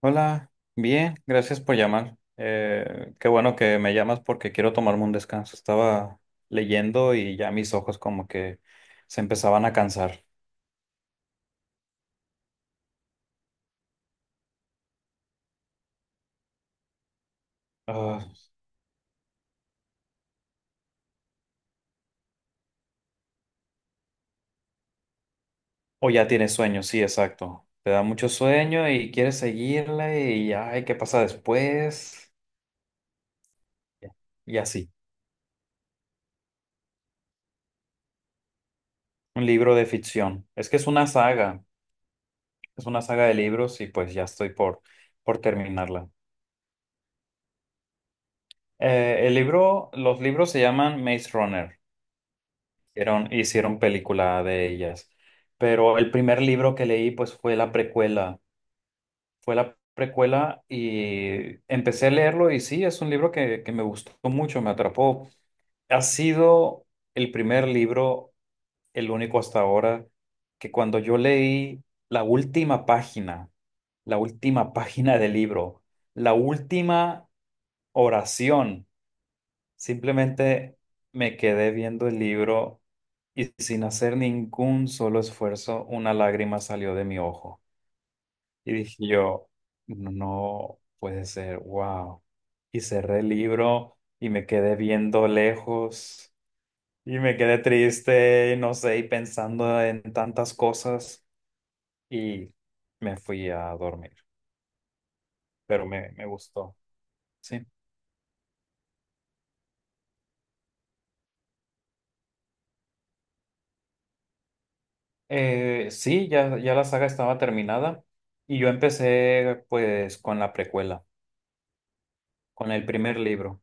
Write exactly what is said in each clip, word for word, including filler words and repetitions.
Hola, bien, gracias por llamar. Eh, qué bueno que me llamas porque quiero tomarme un descanso. Estaba leyendo y ya mis ojos como que se empezaban a cansar. Ah, o ya tienes sueño, sí, exacto. Te da mucho sueño y quieres seguirle y ay, ¿qué pasa después? Y así. Un libro de ficción. Es que es una saga, es una saga de libros y pues ya estoy por, por terminarla. Eh, el libro, los libros se llaman Maze Runner. Hicieron, hicieron película de ellas. Pero el primer libro que leí, pues, fue la precuela. Fue la precuela y empecé a leerlo y sí, es un libro que, que me gustó mucho, me atrapó. Ha sido el primer libro, el único hasta ahora, que cuando yo leí la última página, la última página del libro, la última oración. Simplemente me quedé viendo el libro y sin hacer ningún solo esfuerzo, una lágrima salió de mi ojo. Y dije yo, no puede ser, wow. Y cerré el libro y me quedé viendo lejos y me quedé triste, y no sé, y pensando en tantas cosas y me fui a dormir, pero me, me gustó, sí. Eh, sí, ya, ya la saga estaba terminada y yo empecé pues con la precuela, con el primer libro.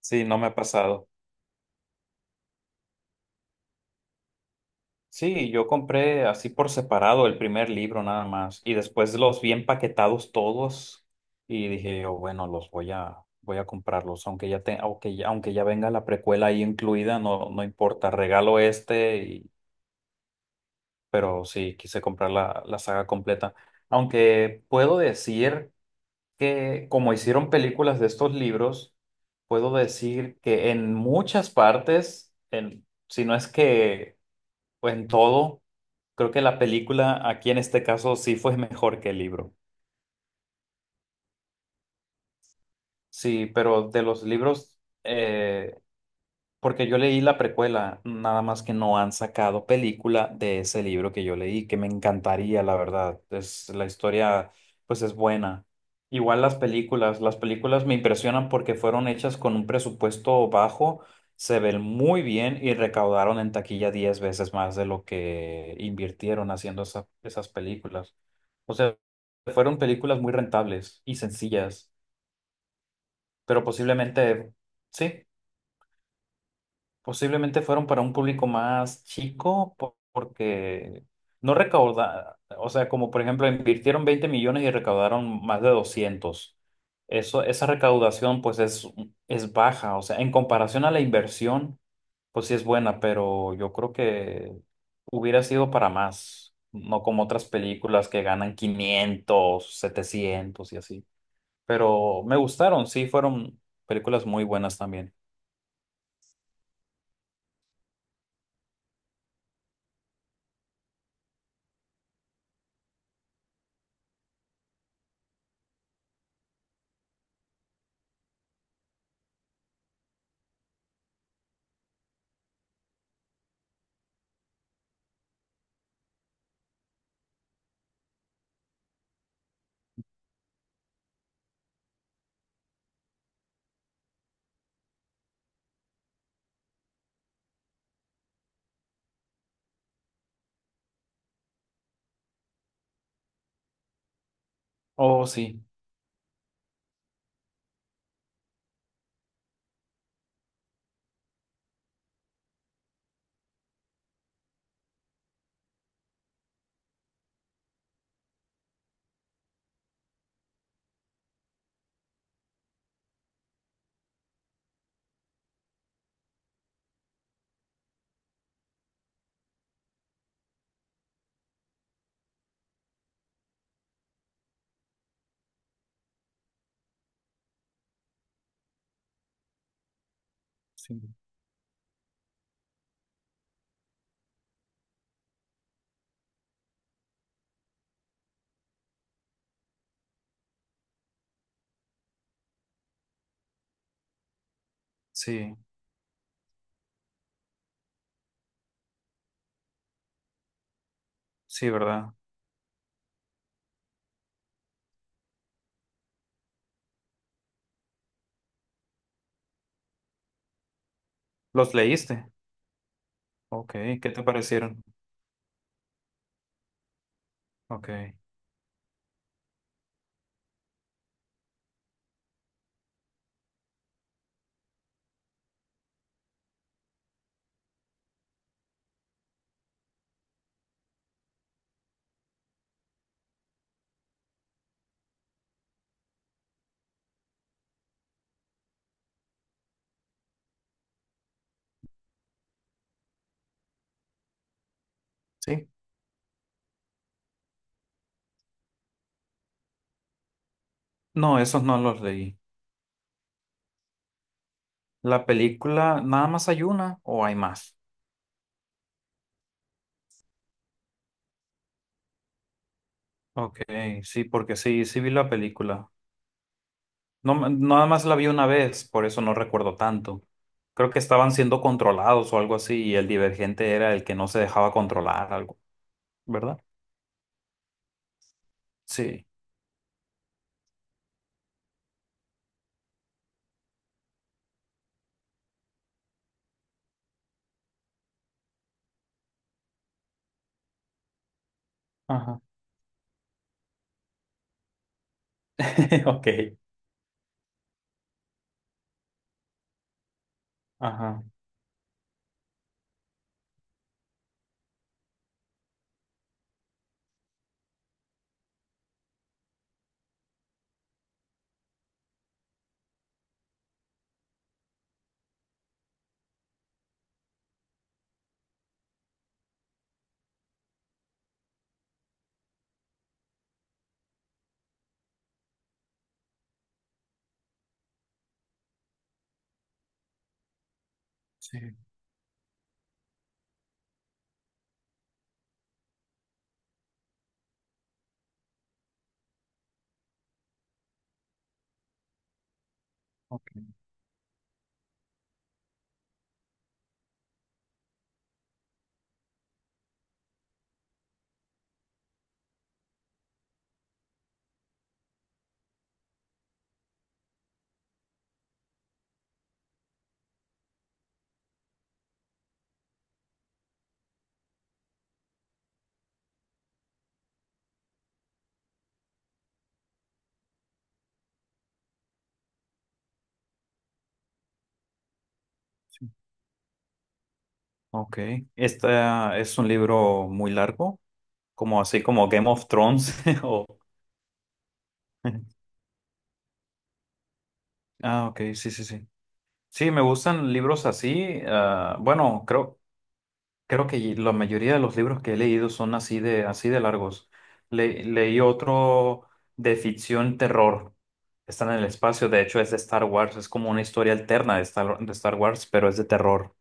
Sí, no me ha pasado. Sí, yo compré así por separado el primer libro nada más y después los vi empaquetados todos y dije yo, bueno, los voy a, voy a comprarlos, aunque ya, te, aunque ya, aunque ya venga la precuela ahí incluida, no, no importa, regalo este, y pero sí, quise comprar la, la saga completa. Aunque puedo decir que como hicieron películas de estos libros, puedo decir que en muchas partes, en, si no es que pues en todo, creo que la película aquí en este caso sí fue mejor que el libro. Sí, pero de los libros, eh, porque yo leí la precuela, nada más que no han sacado película de ese libro que yo leí, que me encantaría, la verdad. Es, la historia, pues es buena. Igual las películas, las películas me impresionan porque fueron hechas con un presupuesto bajo, se ven muy bien y recaudaron en taquilla diez veces más de lo que invirtieron haciendo esa- esas películas. O sea, fueron películas muy rentables y sencillas, pero posiblemente, sí. Posiblemente fueron para un público más chico po- porque no recaudaron, o sea, como por ejemplo invirtieron veinte millones y recaudaron más de doscientos. Eso, esa recaudación pues es, es baja, o sea, en comparación a la inversión, pues sí es buena, pero yo creo que hubiera sido para más, no como otras películas que ganan quinientos, setecientos y así. Pero me gustaron, sí, fueron películas muy buenas también. Oh, sí, sí, sí. Sí, ¿verdad? ¿Los leíste? Ok, ¿qué te parecieron? Ok, sí. No, esos no los leí. ¿La película nada más hay una o hay más? Ok, sí, porque sí, sí vi la película. No, me nada más la vi una vez, por eso no recuerdo tanto. Creo que estaban siendo controlados o algo así y el divergente era el que no se dejaba controlar algo, ¿verdad? Sí. Ajá. Ok. Ajá. Sí. Ok. Sí. Ok. ¿Esta es un libro muy largo? Como así, como Game of Thrones. O... Ah, ok, sí, sí, sí. Sí, me gustan libros así. Ah, bueno, creo, creo que la mayoría de los libros que he leído son así de, así de, largos. Le- leí otro de ficción terror. Está en el espacio, de hecho es de Star Wars, es como una historia alterna de Star, de Star Wars, pero es de terror.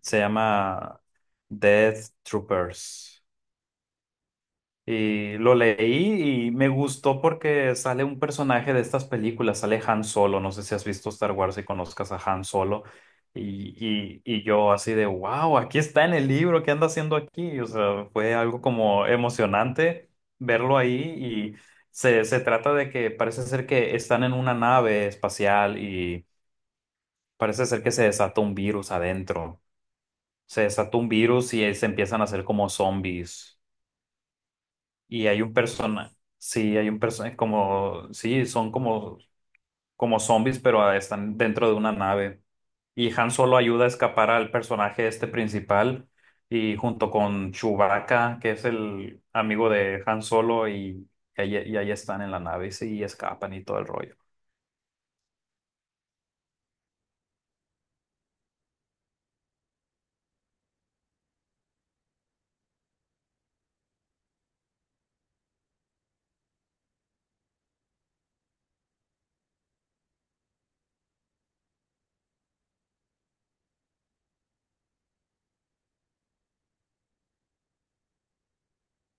Se llama Death Troopers. Y lo leí y me gustó porque sale un personaje de estas películas, sale Han Solo, no sé si has visto Star Wars y conozcas a Han Solo, y, y, y yo así de, wow, aquí está en el libro, ¿qué anda haciendo aquí? O sea, fue algo como emocionante verlo ahí y se, se trata de que parece ser que están en una nave espacial y parece ser que se desata un virus adentro, se desata un virus y se empiezan a hacer como zombies. Y hay un persona, sí, hay un persona, como, sí, son como, como, zombies, pero ah, están dentro de una nave. Y Han Solo ayuda a escapar al personaje este principal y junto con Chewbacca, que es el amigo de Han Solo, y, y ahí, y ahí están en la nave y, sí, y escapan y todo el rollo.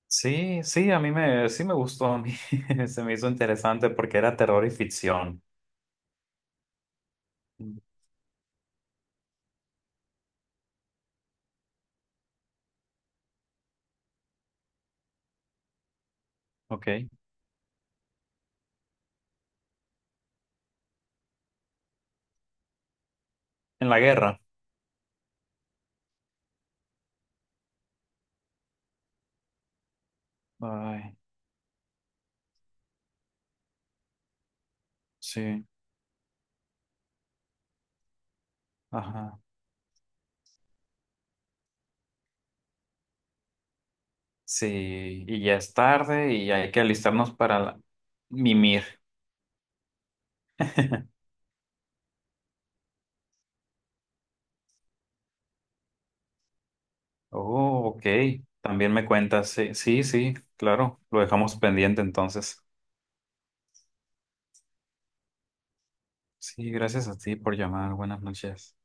Sí, sí, a mí me, sí me gustó, a mí se me hizo interesante porque era terror y ficción. Mm. Ok. En la guerra. Ay, sí. Ajá. Sí, y ya es tarde y hay que alistarnos para la mimir. Oh, ok. También me cuentas. Sí, sí, sí, claro. Lo dejamos pendiente entonces. Sí, gracias a ti por llamar. Buenas noches.